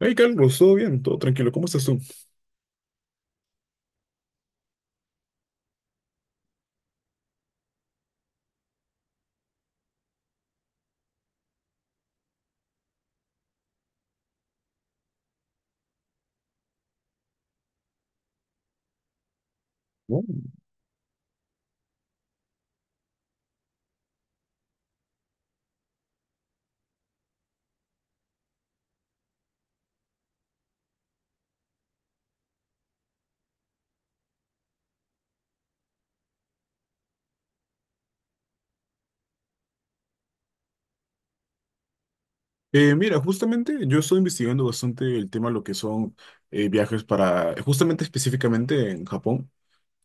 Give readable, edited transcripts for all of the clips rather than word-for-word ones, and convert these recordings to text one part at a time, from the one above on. Hey Carlos, todo bien, todo tranquilo, ¿cómo estás tú? ¿No? Mira, justamente yo estoy investigando bastante el tema de lo que son viajes para, justamente específicamente en Japón.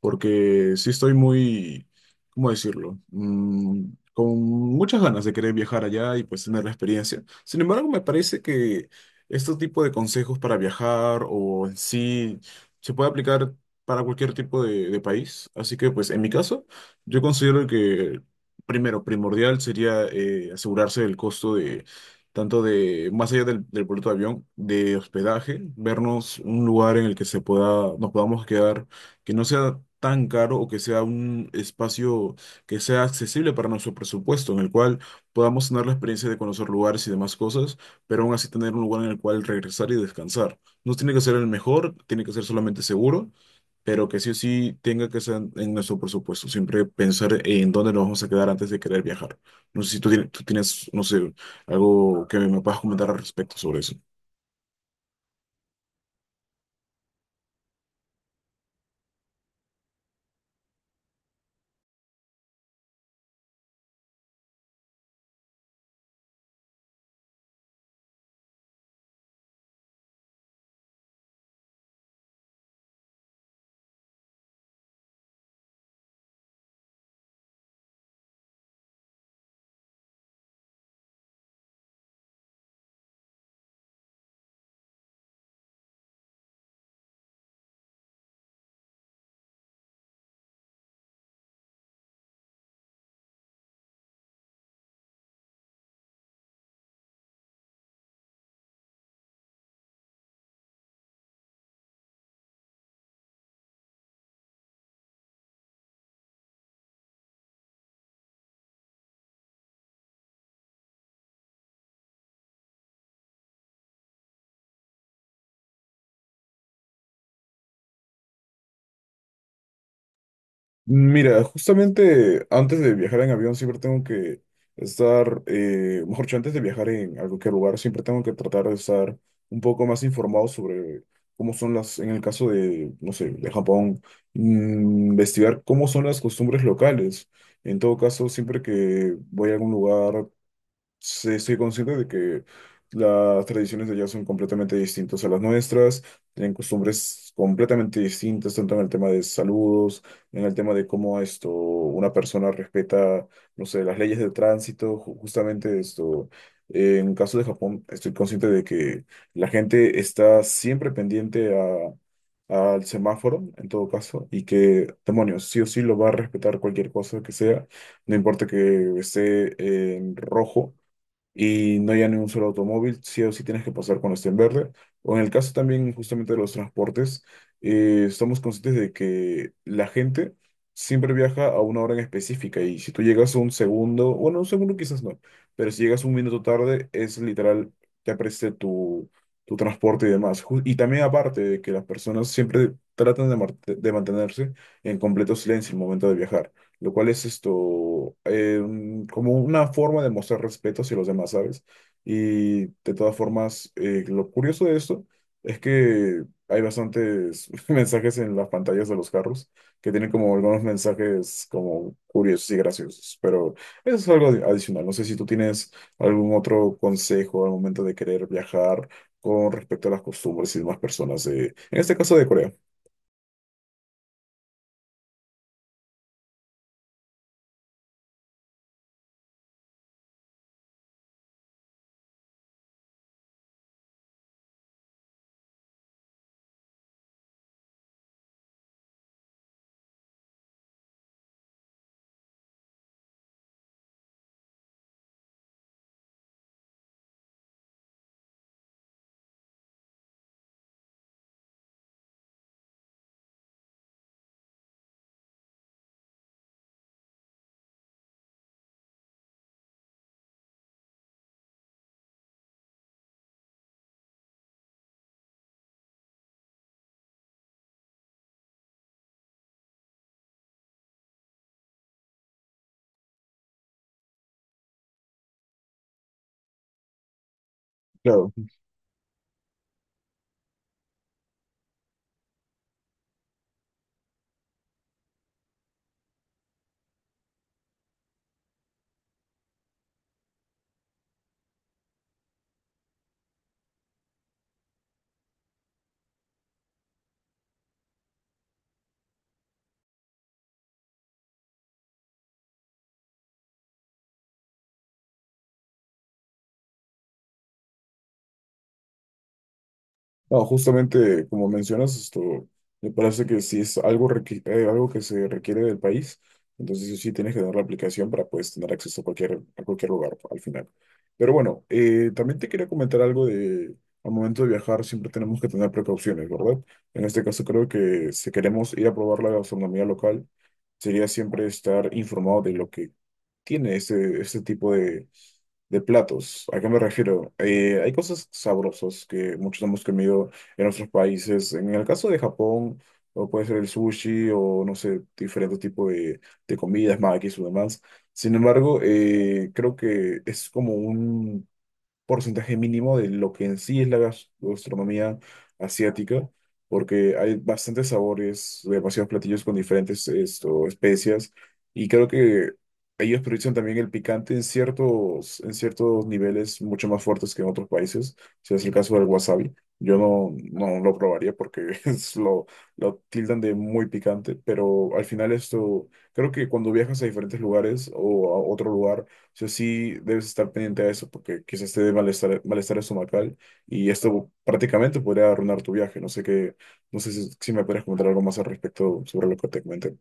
Porque sí estoy muy, ¿cómo decirlo? Con muchas ganas de querer viajar allá y pues tener la experiencia. Sin embargo, me parece que este tipo de consejos para viajar o en sí se puede aplicar para cualquier tipo de país. Así que pues en mi caso, yo considero que primero, primordial sería asegurarse del costo de tanto de, más allá del boleto de avión, de hospedaje, vernos un lugar en el que se pueda, nos podamos quedar que no sea tan caro o que sea un espacio que sea accesible para nuestro presupuesto, en el cual podamos tener la experiencia de conocer lugares y demás cosas, pero aún así tener un lugar en el cual regresar y descansar. No tiene que ser el mejor, tiene que ser solamente seguro, pero que sí o sí tenga que ser en nuestro presupuesto. Siempre pensar en dónde nos vamos a quedar antes de querer viajar. No sé si tú tienes, no sé, algo que me puedas comentar al respecto sobre eso. Mira, justamente antes de viajar en avión siempre tengo que estar, mejor dicho, antes de viajar en a cualquier lugar, siempre tengo que tratar de estar un poco más informado sobre cómo son las, en el caso de, no sé, de Japón, investigar cómo son las costumbres locales. En todo caso, siempre que voy a algún lugar, sí, estoy consciente de que las tradiciones de allá son completamente distintas a las nuestras, tienen costumbres completamente distintas, tanto en el tema de saludos, en el tema de cómo esto, una persona respeta, no sé, las leyes de tránsito, justamente esto. En caso de Japón, estoy consciente de que la gente está siempre pendiente a, al semáforo, en todo caso, y que, demonios, sí o sí lo va a respetar cualquier cosa que sea, no importa que esté en rojo y no haya ni un solo automóvil, sí o sí tienes que pasar cuando esté en verde. O en el caso también justamente de los transportes, estamos conscientes de que la gente siempre viaja a una hora en específica y si tú llegas un segundo, bueno, un segundo quizás no, pero si llegas un minuto tarde, es literal, te apreste tu transporte y demás. Y también aparte de que las personas siempre tratan de mantenerse en completo silencio en el momento de viajar, lo cual es esto, como una forma de mostrar respeto hacia los demás, ¿sabes? Y de todas formas, lo curioso de esto es que hay bastantes mensajes en las pantallas de los carros que tienen como algunos mensajes como curiosos y graciosos, pero eso es algo adicional. No sé si tú tienes algún otro consejo al momento de querer viajar con respecto a las costumbres y demás personas, de, en este caso de Corea. Claro. No, justamente como mencionas, esto me parece que si es algo, algo que se requiere del país, entonces sí sí tienes que dar la aplicación para pues tener acceso a cualquier lugar al final. Pero bueno, también te quería comentar algo de, al momento de viajar siempre tenemos que tener precauciones, ¿verdad? En este caso creo que si queremos ir a probar la gastronomía local, sería siempre estar informado de lo que tiene este, este tipo de platos. ¿A qué me refiero? Hay cosas sabrosas que muchos hemos comido en otros países. En el caso de Japón, o puede ser el sushi, o no sé, diferentes tipos de comidas, makis o demás. Sin embargo, creo que es como un porcentaje mínimo de lo que en sí es la gastronomía asiática, porque hay bastantes sabores, demasiados platillos con diferentes esto, especias, y creo que ellos priorizan también el picante en ciertos niveles mucho más fuertes que en otros países, si es el caso del wasabi. Yo no lo probaría porque es lo tildan de muy picante, pero al final esto, creo que cuando viajas a diferentes lugares o a otro lugar, sea, sí debes estar pendiente de eso porque quizás te dé malestar, malestar estomacal y esto prácticamente podría arruinar tu viaje. No sé qué, no sé si, si me puedes comentar algo más al respecto sobre lo que te comenté.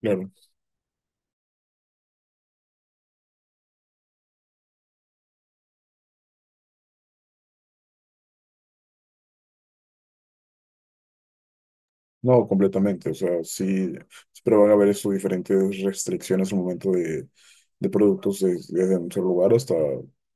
Claro. No, completamente. O sea, sí, pero van a haber sus diferentes restricciones al momento de productos desde un solo lugar hasta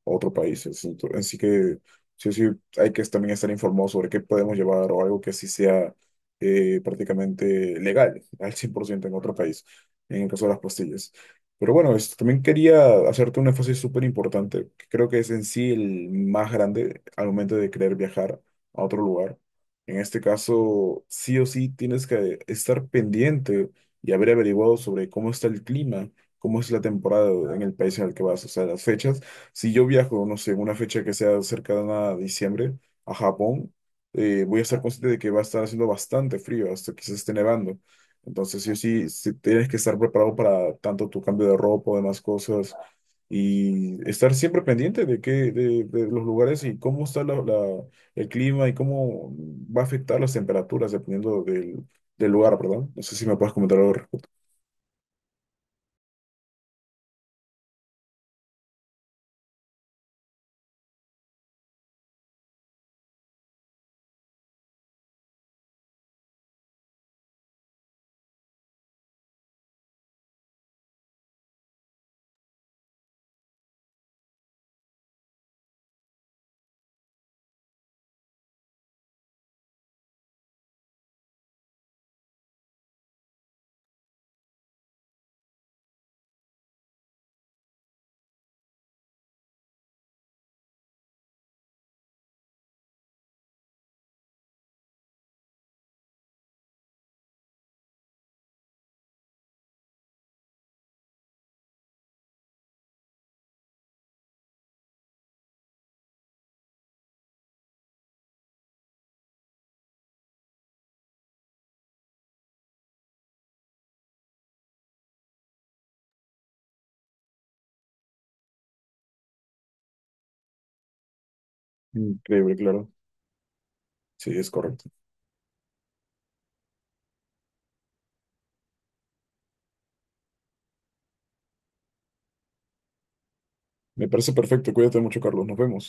otro país. Así así que sí, sí, hay que también estar informado sobre qué podemos llevar o algo que sí sea prácticamente legal al 100% en otro país, en el caso de las pastillas. Pero bueno, también quería hacerte un énfasis súper importante, que creo que es en sí el más grande al momento de querer viajar a otro lugar, en este caso, sí o sí tienes que estar pendiente y haber averiguado sobre cómo está el clima, cómo es la temporada en el país en el que vas, o sea, las fechas. Si yo viajo, no sé, en una fecha que sea cercana a diciembre a Japón, voy a estar consciente de que va a estar haciendo bastante frío, hasta que se esté nevando. Entonces, sí o sí, sí tienes que estar preparado para tanto tu cambio de ropa o demás cosas y estar siempre pendiente de qué, de los lugares y cómo está el clima y cómo va a afectar las temperaturas dependiendo del lugar, ¿verdad? No sé si me puedes comentar algo al respecto. Increíble, claro. Sí, es correcto. Me parece perfecto. Cuídate mucho, Carlos. Nos vemos.